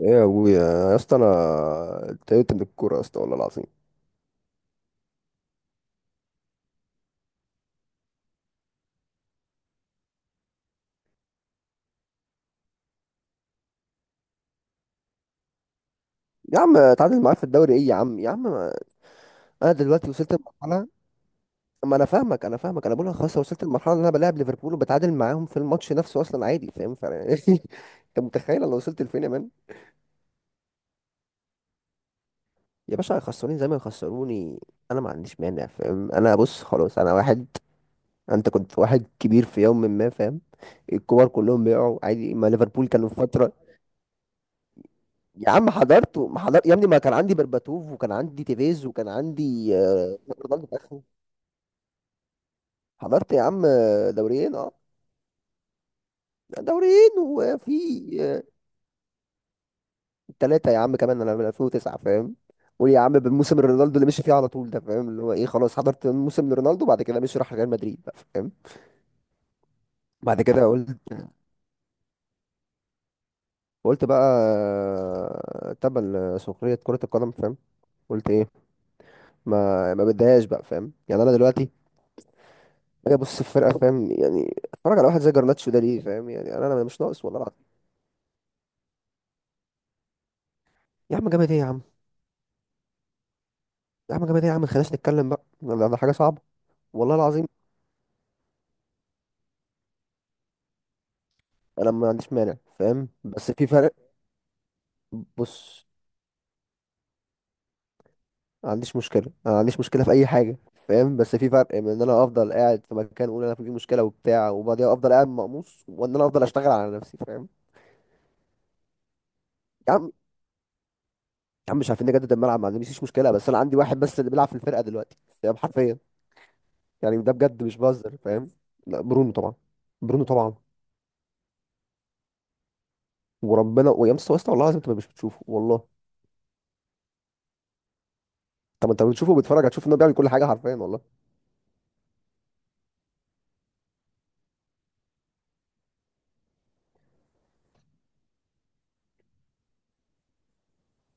ايه يا ابويا يا اسطى انا اتضايقت من الكوره يا اسطى والله العظيم. يا عم اتعادل معاك في الدوري ايه يا عم يا عم انا دلوقتي وصلت لمرحله. ما انا فاهمك انا بقول لك خلاص، أنا وصلت لمرحله ان انا بلاعب ليفربول وبتعادل معاهم في الماتش نفسه اصلا عادي فاهم، انت متخيل انا وصلت لفين يا مان؟ يا باشا هيخسروني زي ما يخسروني، انا ما عنديش مانع فاهم، انا بص خلاص انا واحد. انت كنت واحد كبير في يوم ما فاهم. الكور كلهم بيقعوا عادي، ما ليفربول كانوا في فتره. يا عم حضرته ما حضرت يا ابني، ما كان عندي برباتوف وكان عندي تيفيز وكان عندي رونالدو في اخره. حضرت يا عم دوريين اه. دوريين وفي ثلاثة يا عم كمان، انا من 2009 فاهم. قول يا عم بالموسم رونالدو اللي مشي فيه على طول ده فاهم، اللي هو ايه، خلاص حضرت موسم لرونالدو، بعد كده مشي راح ريال مدريد بقى فاهم. بعد كده قلت بقى تبا لسخرية كرة القدم فاهم. قلت ايه، ما بديهاش بقى فاهم، يعني انا دلوقتي. هي بص الفرقه فاهم، يعني اتفرج على واحد زي جرناتشو ده ليه فاهم، يعني انا مش ناقص والله العظيم. يا عم جامد ايه يا عم. يا عم جامد ايه يا عم ما خليناش نتكلم بقى، ده حاجه صعبه. والله العظيم انا ما عنديش مانع فاهم، بس في فرق. بص، ما عنديش مشكله، انا ما عنديش مشكله في اي حاجه فاهم، بس في فرق بين ان انا افضل قاعد في مكان اقول انا في مشكله وبتاع وبعدين افضل قاعد مقموص، وان انا افضل اشتغل على نفسي فاهم. يا عم. يا عم مش عارفين نجدد الملعب، ما عنديش مشكله، بس انا عندي واحد بس اللي بيلعب في الفرقه دلوقتي فاهم، حرفيا، يعني ده بجد مش بهزر فاهم. لا برونو طبعا. برونو طبعا. وربنا ويا مستر واسطه، والله العظيم انت مش بتشوفه والله. طب انت بتشوفه وبتتفرج، هتشوف انه بيعمل كل حاجه حرفيا والله.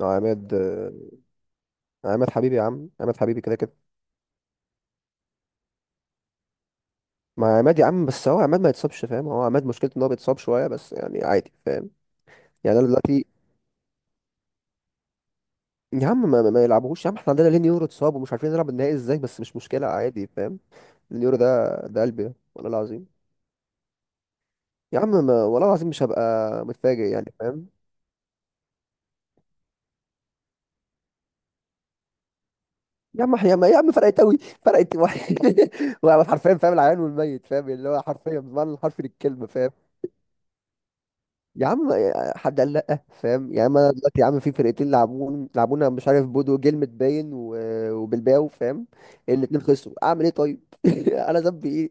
عماد عماد حبيبي، يا عم عماد حبيبي كده كده. ما عماد يا عم، بس هو عماد ما يتصابش فاهم، هو عماد مشكلته ان هو بيتصاب شويه، بس يعني عادي فاهم. يعني انا دلوقتي. يا عم، ما يلعبوهوش يا عم، احنا عندنا لين يورو اتصاب ومش عارفين نلعب النهائي ازاي، بس مش مشكله عادي فاهم. اليورو ده ده قلبي والله العظيم. يا عم ما والله العظيم مش هبقى متفاجئ يعني فاهم. يا عم يا عم يا عم فرقت قوي، فرقت واحد. وانا حرفيا فاهم العيان والميت فاهم، اللي هو حرفيا بمعنى الحرفي للكلمه فاهم. يا عم حد قال لا فاهم، يا عم انا دلوقتي يا عم في فرقتين لعبونا، مش عارف بودو جلمت باين و- آه، وبلباو فاهم. الاتنين خسروا، اعمل ايه طيب؟ انا ذنبي ايه؟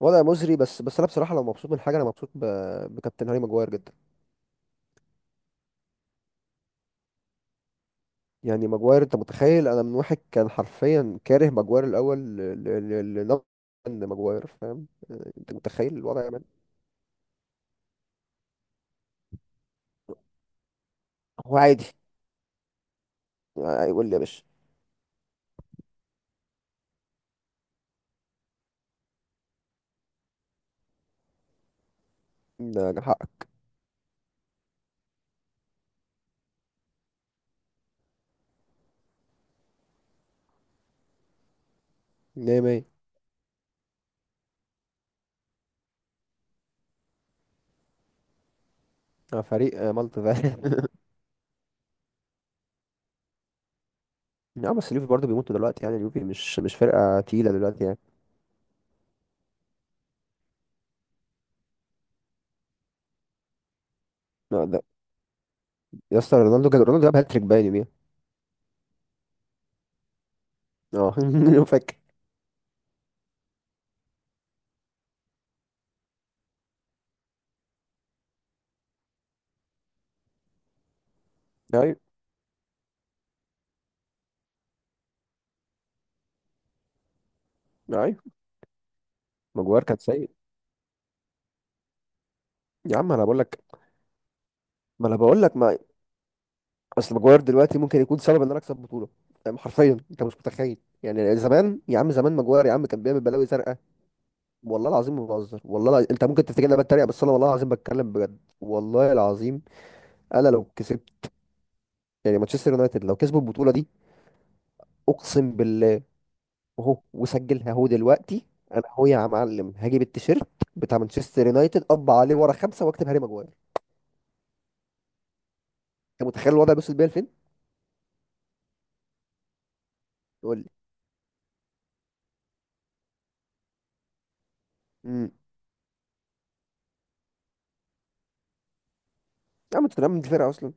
وضع مزري، بس انا بصراحه لو مبسوط من حاجه انا مبسوط ب... بكابتن هاري ماجواير جدا. يعني ماجواير، انت متخيل انا من واحد كان حرفيا كاره ماجواير الاول ل... ل... ل... لنقد ماجواير فاهم، انت متخيل الوضع. هو عادي يقول لي يا باشا، ده كان حقك. مية مية. فريق مالطا فعلا نعم بس اليوفي برضه بيموتوا دلوقتي، يعني اليوفي مش فرقة تقيلة دلوقتي يعني. لا ده، يا اسطى رونالدو جاب، رونالدو جاب هاتريك باين يوميها. اه. فاكر. ايوه. ايوه. ماجوار كان سيء. يا عم انا بقول لك، ما اصل ماجوار دلوقتي ممكن يكون سبب ان انا اكسب بطولة، فاهم؟ حرفيا انت مش متخيل. يعني زمان يا عم، زمان ماجوار يا عم كان بيعمل بلاوي زرقاء. والله العزيم ما بهزر انت ممكن تفتكرني انا بتريق، بس انا والله العظيم بتكلم بجد والله العظيم. انا لو كسبت، يعني مانشستر يونايتد لو كسبوا البطوله دي، اقسم بالله، اهو وسجلها اهو دلوقتي، انا اهو يا معلم هجيب التيشيرت بتاع مانشستر يونايتد، اطبع عليه ورا خمسه واكتب هاري ماجواير. انت متخيل الوضع بيوصل بيا لفين؟ يقول لي. امم يا عم توتنهام دي فرقه اصلا.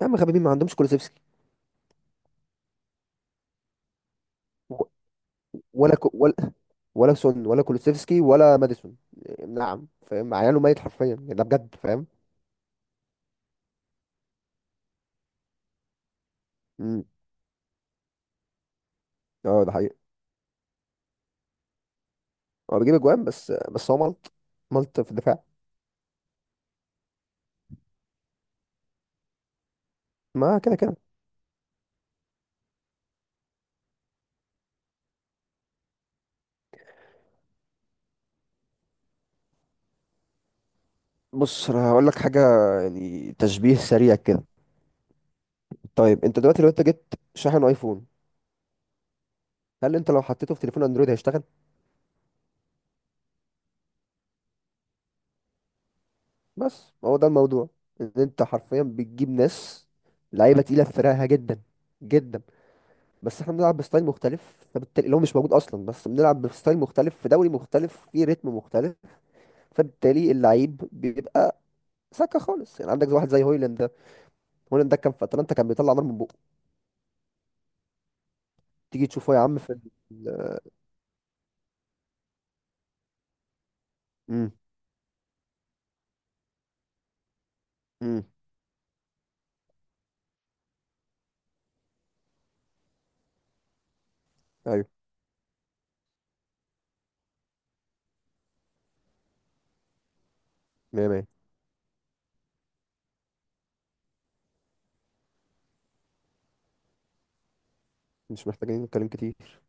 يا عم غبيبين ما عندهمش كولوسيفسكي. و- ولا كو ولا ولا سون ولا كولوسيفسكي ولا ماديسون. نعم فاهم، عياله ميت حرفيا يعني ده بجد فاهم. امم. اه ده حقيقي. هو بيجيب اجوان، بس هو ملط، ملط في الدفاع. ما كده كده. بص انا هقول لك حاجه، يعني تشبيه سريع كده. طيب انت دلوقتي لو انت جبت شاحن ايفون، هل انت لو حطيته في تليفون اندرويد هيشتغل؟ بس هو ده الموضوع، ان انت حرفيا بتجيب ناس، لعيبه تقيله في فرقها جدا، جدا، بس احنا بنلعب بستايل مختلف، فبالتالي اللي هو مش موجود اصلا، بس بنلعب بستايل مختلف في دوري مختلف في رتم مختلف، فبالتالي اللعيب بيبقى سكه خالص. يعني عندك واحد زي هويلاند ده، هويلاند ده كان في اتلانتا كان بيطلع نار من بقه. تيجي تشوفه يا عم في امم. امم. ايوه. 100. مش محتاجين نتكلم كتير.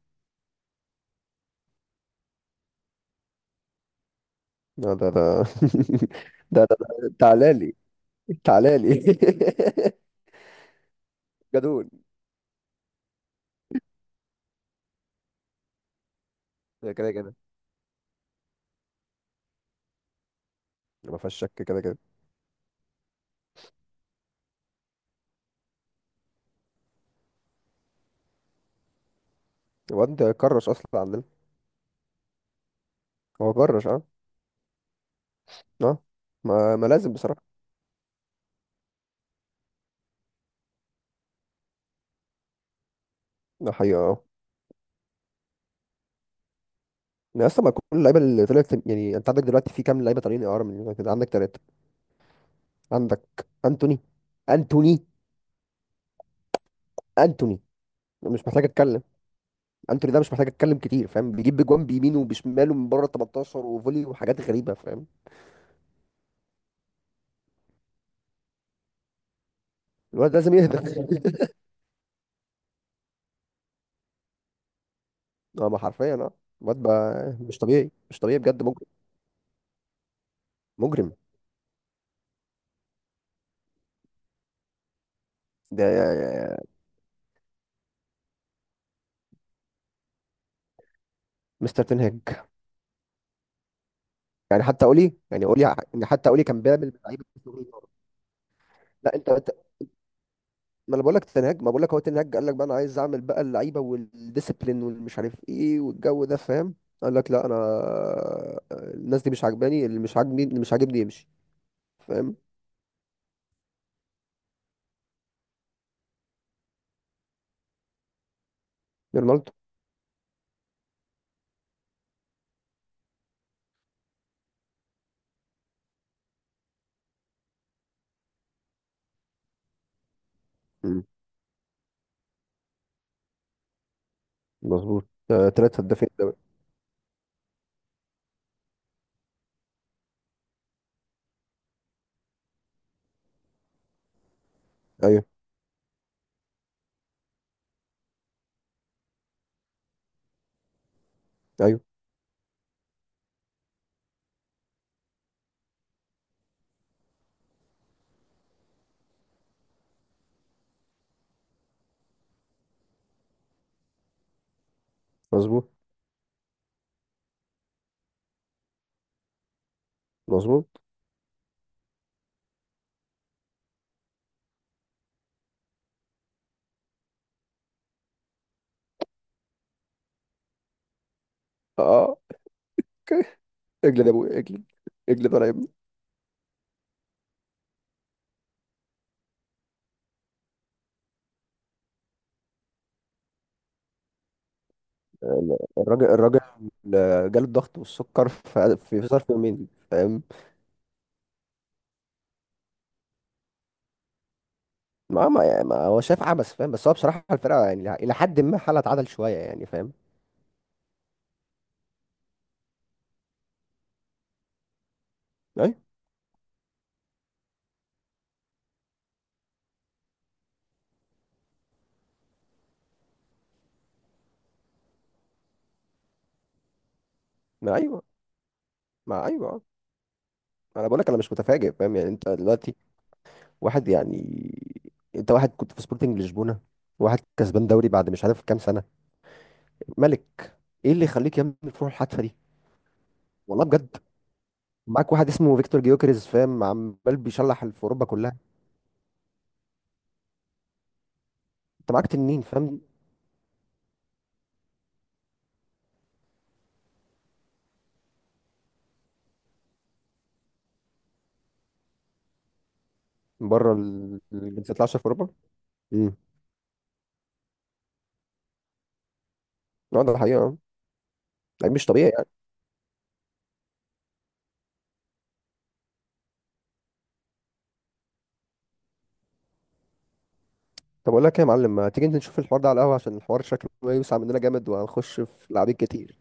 لا ده ده تعالى لي، تعالى لي جدول. ده كده كده، ما فيهاش شك كده كده. الواد ده كرش اصلا عندنا. هو كرش اه. اه، ما, ما لازم بصراحه. ده حقيقه اه. يعني اصلا ما كل اللعيبه اللي طلعت، يعني انت عندك دلوقتي في كام لعيبه طالعين اعاره، من كده عندك ثلاثه. عندك انتوني. انتوني انتوني مش محتاج اتكلم. انتوني ده مش محتاج اتكلم كتير فاهم، بيجيب بجوان بيمينه وبشماله من بره ال 18 وفولي وحاجات غريبه فاهم. الواد لازم يهدى اه ما حرفيا اه. واد بقى مش طبيعي، مش طبيعي بجد، مجرم. مجرم ده. مستر تنهج، يعني حتى قولي، يعني قولي ان حتى قولي كان بيعمل لعيبه شغل نار. لا ما انا بقول لك تنهج، ما بقول لك هو تنهج قال لك بقى انا عايز اعمل بقى اللعيبه والديسيبلين والمش عارف ايه والجو ده فاهم. قال لك لا انا، الناس دي مش عاجباني، اللي مش عاجبني يمشي فاهم. رونالدو. مم. مظبوط، ثلاثة هدافين دوري. ايوه. ايوه. مظبوط. مظبوط. اه. اوكي. اجلد يا ابويا اجلد، اجلد ولا. الراجل جاله الضغط والسكر في ظرف يومين فاهم. ما هو شايف عبث فاهم، بس هو بصراحة الفرقة يعني إلى حد ما حالها اتعدل شوية يعني فاهم. أيوة. ما أيوة. ما أيوة. أنا بقول لك أنا مش متفاجئ فاهم، يعني أنت دلوقتي واحد يعني، أنت واحد كنت في سبورتنج لشبونة، واحد كسبان دوري بعد مش عارف كام سنة، ملك. إيه اللي يخليك يا ابني تروح الحتفة دي؟ والله بجد. معاك واحد اسمه فيكتور جيوكريز فاهم، عمال بيشلح في أوروبا كلها. أنت معاك تنين فاهم. اللي ما بتطلعش في اوروبا. امم. لا ده حقيقه يعني مش طبيعي يعني. طب اقول لك ايه يا معلم، ما تيجي انت نشوف الحوار ده على القهوه، عشان الحوار شكله يوسع مننا جامد وهنخش في لعبين كتير.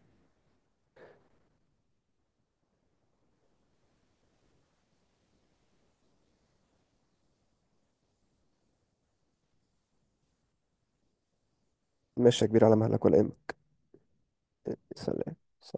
ماشي يا كبير، على مهلك ولا ايه؟ سلام.